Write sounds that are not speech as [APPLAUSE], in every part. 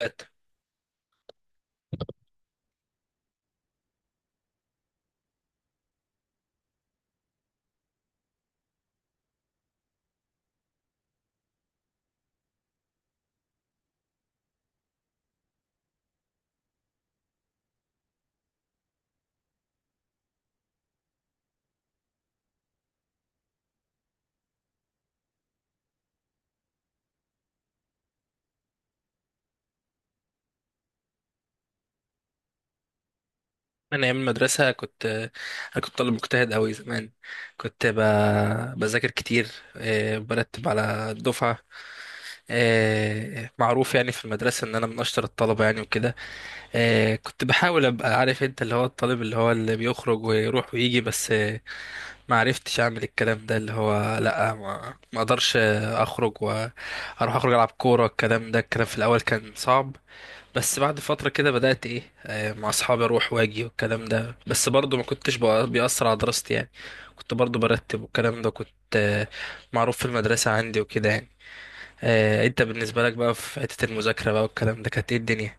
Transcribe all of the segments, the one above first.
ات- من أيام المدرسة كنت، كنت طالب مجتهد أوي زمان. كنت ب... بذاكر كتير، برتب على الدفعة. معروف يعني في المدرسة إن أنا من أشطر الطلبة يعني وكده. كنت بحاول أبقى عارف أنت اللي هو الطالب اللي هو اللي بيخرج ويروح ويجي بس، ما عرفتش أعمل الكلام ده، اللي هو لأ، ما أقدرش أخرج وأروح، أخرج ألعب كورة الكلام ده. الكلام في الأول كان صعب، بس بعد فترة كده بدأت ايه، مع اصحابي اروح واجي والكلام ده، بس برضو ما كنتش بيأثر على دراستي يعني. كنت برضو برتب والكلام ده، كنت آه، معروف في المدرسة عندي وكده يعني. انت بالنسبة لك بقى في حتة المذاكرة بقى والكلام ده، كانت ايه الدنيا؟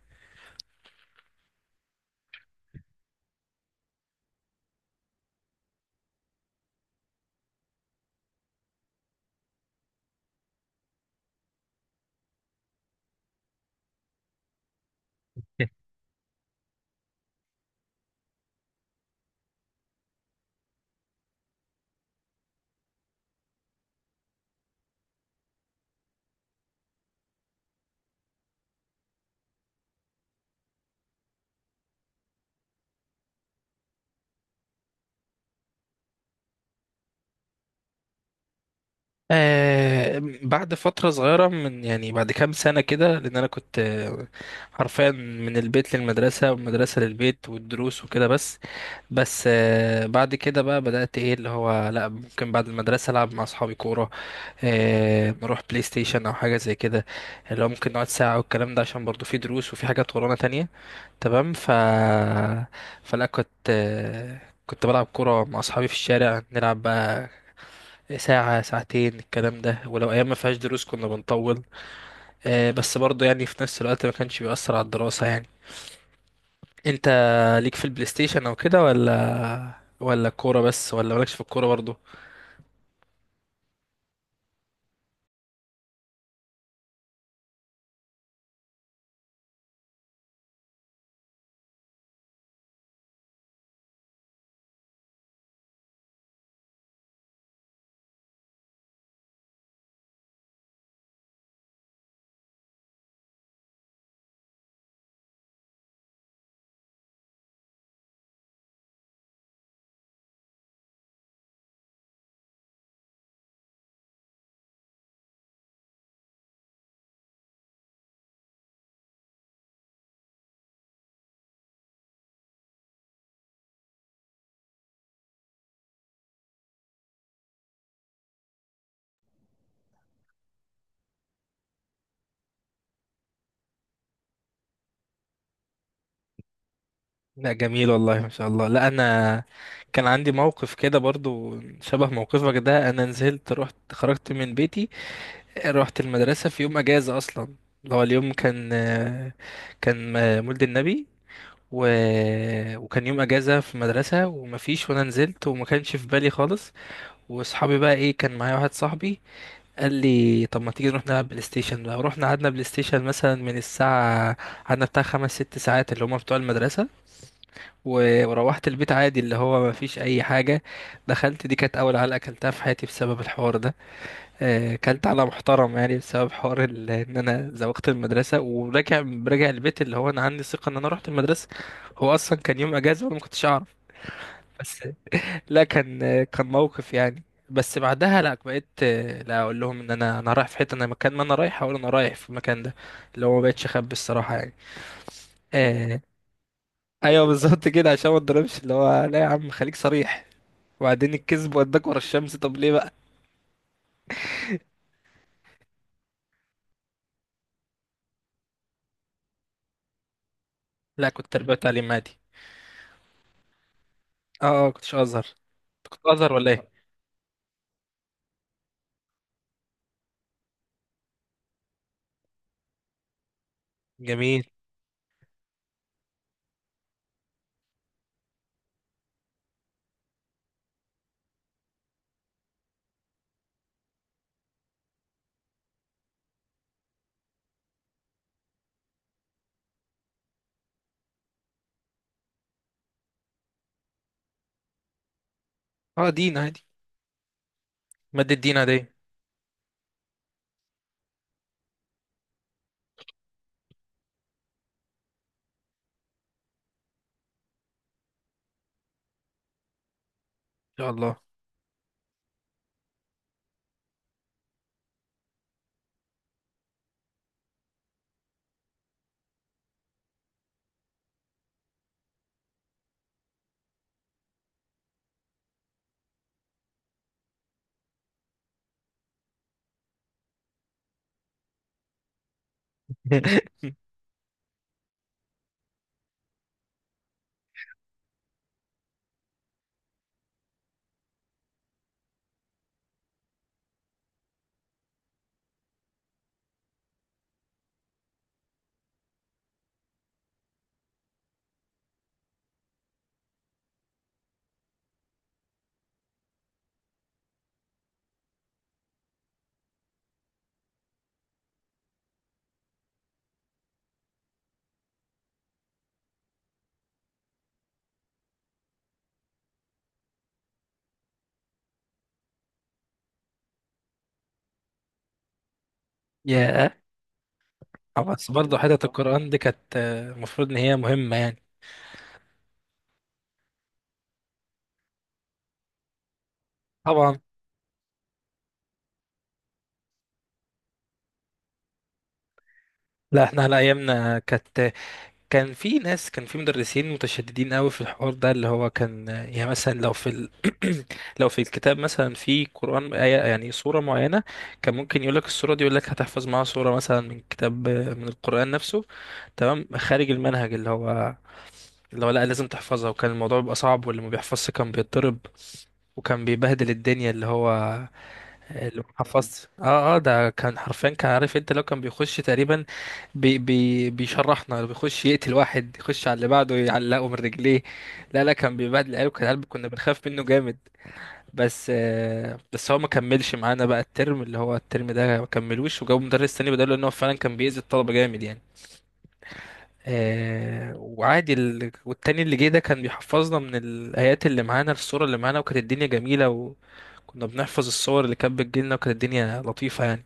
[LAUGHS] آه، بعد فترة صغيرة من يعني بعد كام سنة كده، لأن أنا كنت حرفيا من البيت للمدرسة والمدرسة للبيت والدروس وكده بس. آه، بعد كده بقى بدأت إيه، اللي هو لأ، ممكن بعد المدرسة ألعب مع أصحابي كورة، نروح بلاي ستيشن او حاجه زي كده، اللي هو ممكن نقعد ساعه والكلام ده، عشان برضو في دروس وفي حاجات ورانا تانية. تمام. فلا كنت، كنت بلعب كوره مع اصحابي في الشارع، نلعب بقى ساعة ساعتين الكلام ده، ولو أيام ما فيهاش دروس كنا بنطول. بس برضو يعني في نفس الوقت ما كانش بيأثر على الدراسة يعني. أنت ليك في البلاي ستيشن أو كده، ولا كورة بس، ولا مالكش في الكورة برضو؟ لا جميل والله، ما شاء الله. لا انا كان عندي موقف كده برضو شبه موقفك ده. انا نزلت، رحت، خرجت من بيتي، رحت المدرسة في يوم اجازة اصلا. اللي هو اليوم كان مولد النبي، و... وكان يوم اجازة في المدرسة ومفيش، وانا نزلت وما كانش في بالي خالص. واصحابي بقى ايه، كان معايا واحد صاحبي قال لي طب ما تيجي نروح نلعب بلاي ستيشن بقى. رحنا قعدنا بلاي ستيشن مثلا من الساعة، قعدنا بتاع خمس ست ساعات اللي هما بتوع المدرسة. وروحت البيت عادي، اللي هو ما فيش اي حاجه. دخلت، دي كانت اول علقه اكلتها في حياتي بسبب الحوار ده. اكلت على محترم يعني، بسبب حوار ان انا زوقت المدرسه وراجع، راجع البيت، اللي هو انا عندي ثقه ان انا رحت المدرسه، هو اصلا كان يوم اجازه وانا ما كنتش اعرف. بس لا، كان كان موقف يعني. بس بعدها لا، بقيت لا اقول لهم ان انا رايح في حته، انا مكان ما انا رايح اقول انا رايح في المكان ده، اللي هو ما بقتش اخبي الصراحه يعني. آه، ايوه بالظبط كده، عشان ما اتضربش، اللي هو لا يا عم خليك صريح، وبعدين الكذب وداك ورا الشمس، طب ليه بقى. لا كنت تربية وتعليم عادي. اه اه، كنتش ازهر. أنت كنت ازهر ولا ايه؟ جميل. اه، دين عادي، مادة دين عادية. ان شاء الله. [LAUGHS] ياه. طبعا، بس برضه حتة القرآن دي كانت المفروض ان هي مهمة يعني. طبعا. لا احنا على ايامنا كانت، كان في ناس، كان في مدرسين متشددين قوي في الحوار ده، اللي هو كان يعني مثلا لو [CLEARS THROAT] لو في الكتاب مثلا في قرآن آية، يعني سورة معينة، كان ممكن يقول لك السورة دي، يقول لك هتحفظ معاها سورة مثلا من كتاب، من القرآن نفسه. تمام، خارج المنهج، اللي هو لا لازم تحفظها. وكان الموضوع بيبقى صعب، واللي ما بيحفظش كان بيتضرب، وكان بيبهدل الدنيا، اللي هو اللي حفظت. اه اه، ده كان حرفيا، كان عارف انت، لو كان بيخش تقريبا بي بي بيشرحنا، لو بيخش يقتل واحد، يخش على اللي بعده يعلقه من رجليه. لا لا، كان بيبهدل العيال، وكان العيال كنا بنخاف منه جامد. بس آه، بس هو ما كملش معانا بقى الترم، اللي هو الترم ده ما كملوش، وجابوا مدرس تاني بداله، ان هو فعلا كان بيأذي الطلبة جامد يعني. آه، وعادي والتاني اللي جه ده كان بيحفظنا من الآيات اللي معانا، الصورة اللي معانا، وكانت الدنيا جميلة. وكنا بنحفظ الصور اللي كانت بتجيلنا، وكانت الدنيا لطيفة يعني.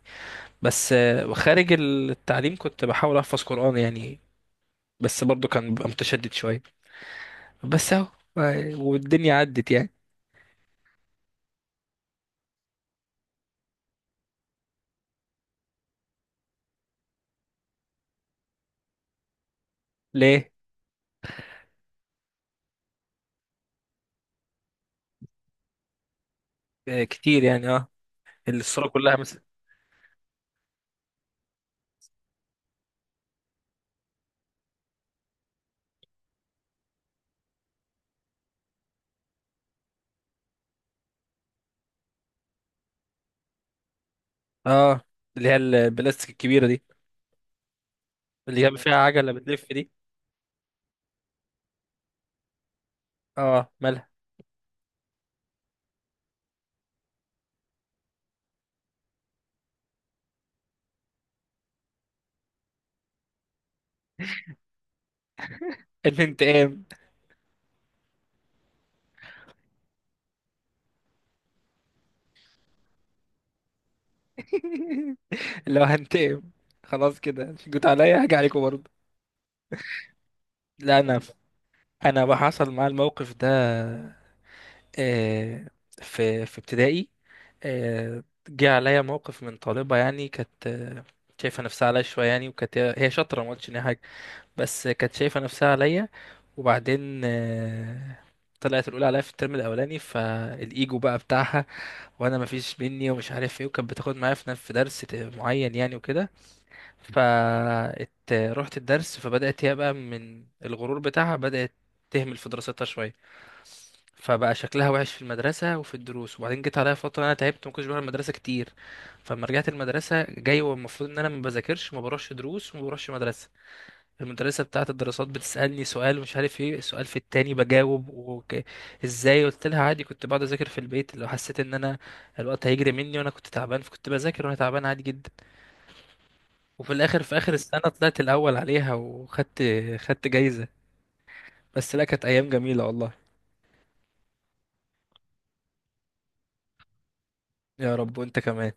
بس خارج التعليم كنت بحاول احفظ قرآن يعني، بس برضو كان ببقى متشدد شوية، بس اهو. والدنيا عدت يعني. ليه؟ آه، كتير يعني، اه. الصورة كلها مثلا. اه، اللي هي البلاستيك الكبيرة دي. اللي هي فيها عجلة بتلف دي. اه، مالها؟ الانتقام. [LAUGHS] لو هنتقم، خلاص كده جيت عليا، هاجي عليكم برضه. لا انا، انا بقى حصل معايا الموقف ده، آه، في في ابتدائي، جه عليا موقف من طالبة يعني. كانت شايفة نفسها عليا شوية يعني، وكانت هي شاطرة، ما قلتش إن هي حاجة، بس كانت شايفة نفسها عليا. وبعدين طلعت الأولى عليا في الترم الأولاني، فالإيجو بقى بتاعها، وأنا مفيش مني ومش عارف إيه. وكانت بتاخد معايا في نفس، في درس معين يعني وكده. فرحت الدرس، فبدأت هي بقى من الغرور بتاعها بدأت تهمل في دراستها شوية، فبقى شكلها وحش في المدرسة وفي الدروس. وبعدين جيت عليا فترة أنا تعبت، ما كنتش بروح المدرسة كتير. فلما رجعت المدرسة جاي، والمفروض إن أنا ما بذاكرش، ما بروحش دروس وما بروحش مدرسة، المدرسة بتاعة الدراسات بتسألني سؤال، مش عارف ايه السؤال، في التاني بجاوب، ازاي؟ قلت لها عادي، كنت بقعد أذاكر في البيت لو حسيت إن أنا الوقت هيجري مني، وأنا كنت تعبان، فكنت بذاكر وأنا تعبان عادي جدا. وفي الآخر في آخر السنة طلعت الأول عليها، خدت جايزة. بس لا، كانت أيام جميلة والله. يا رب وأنت كمان.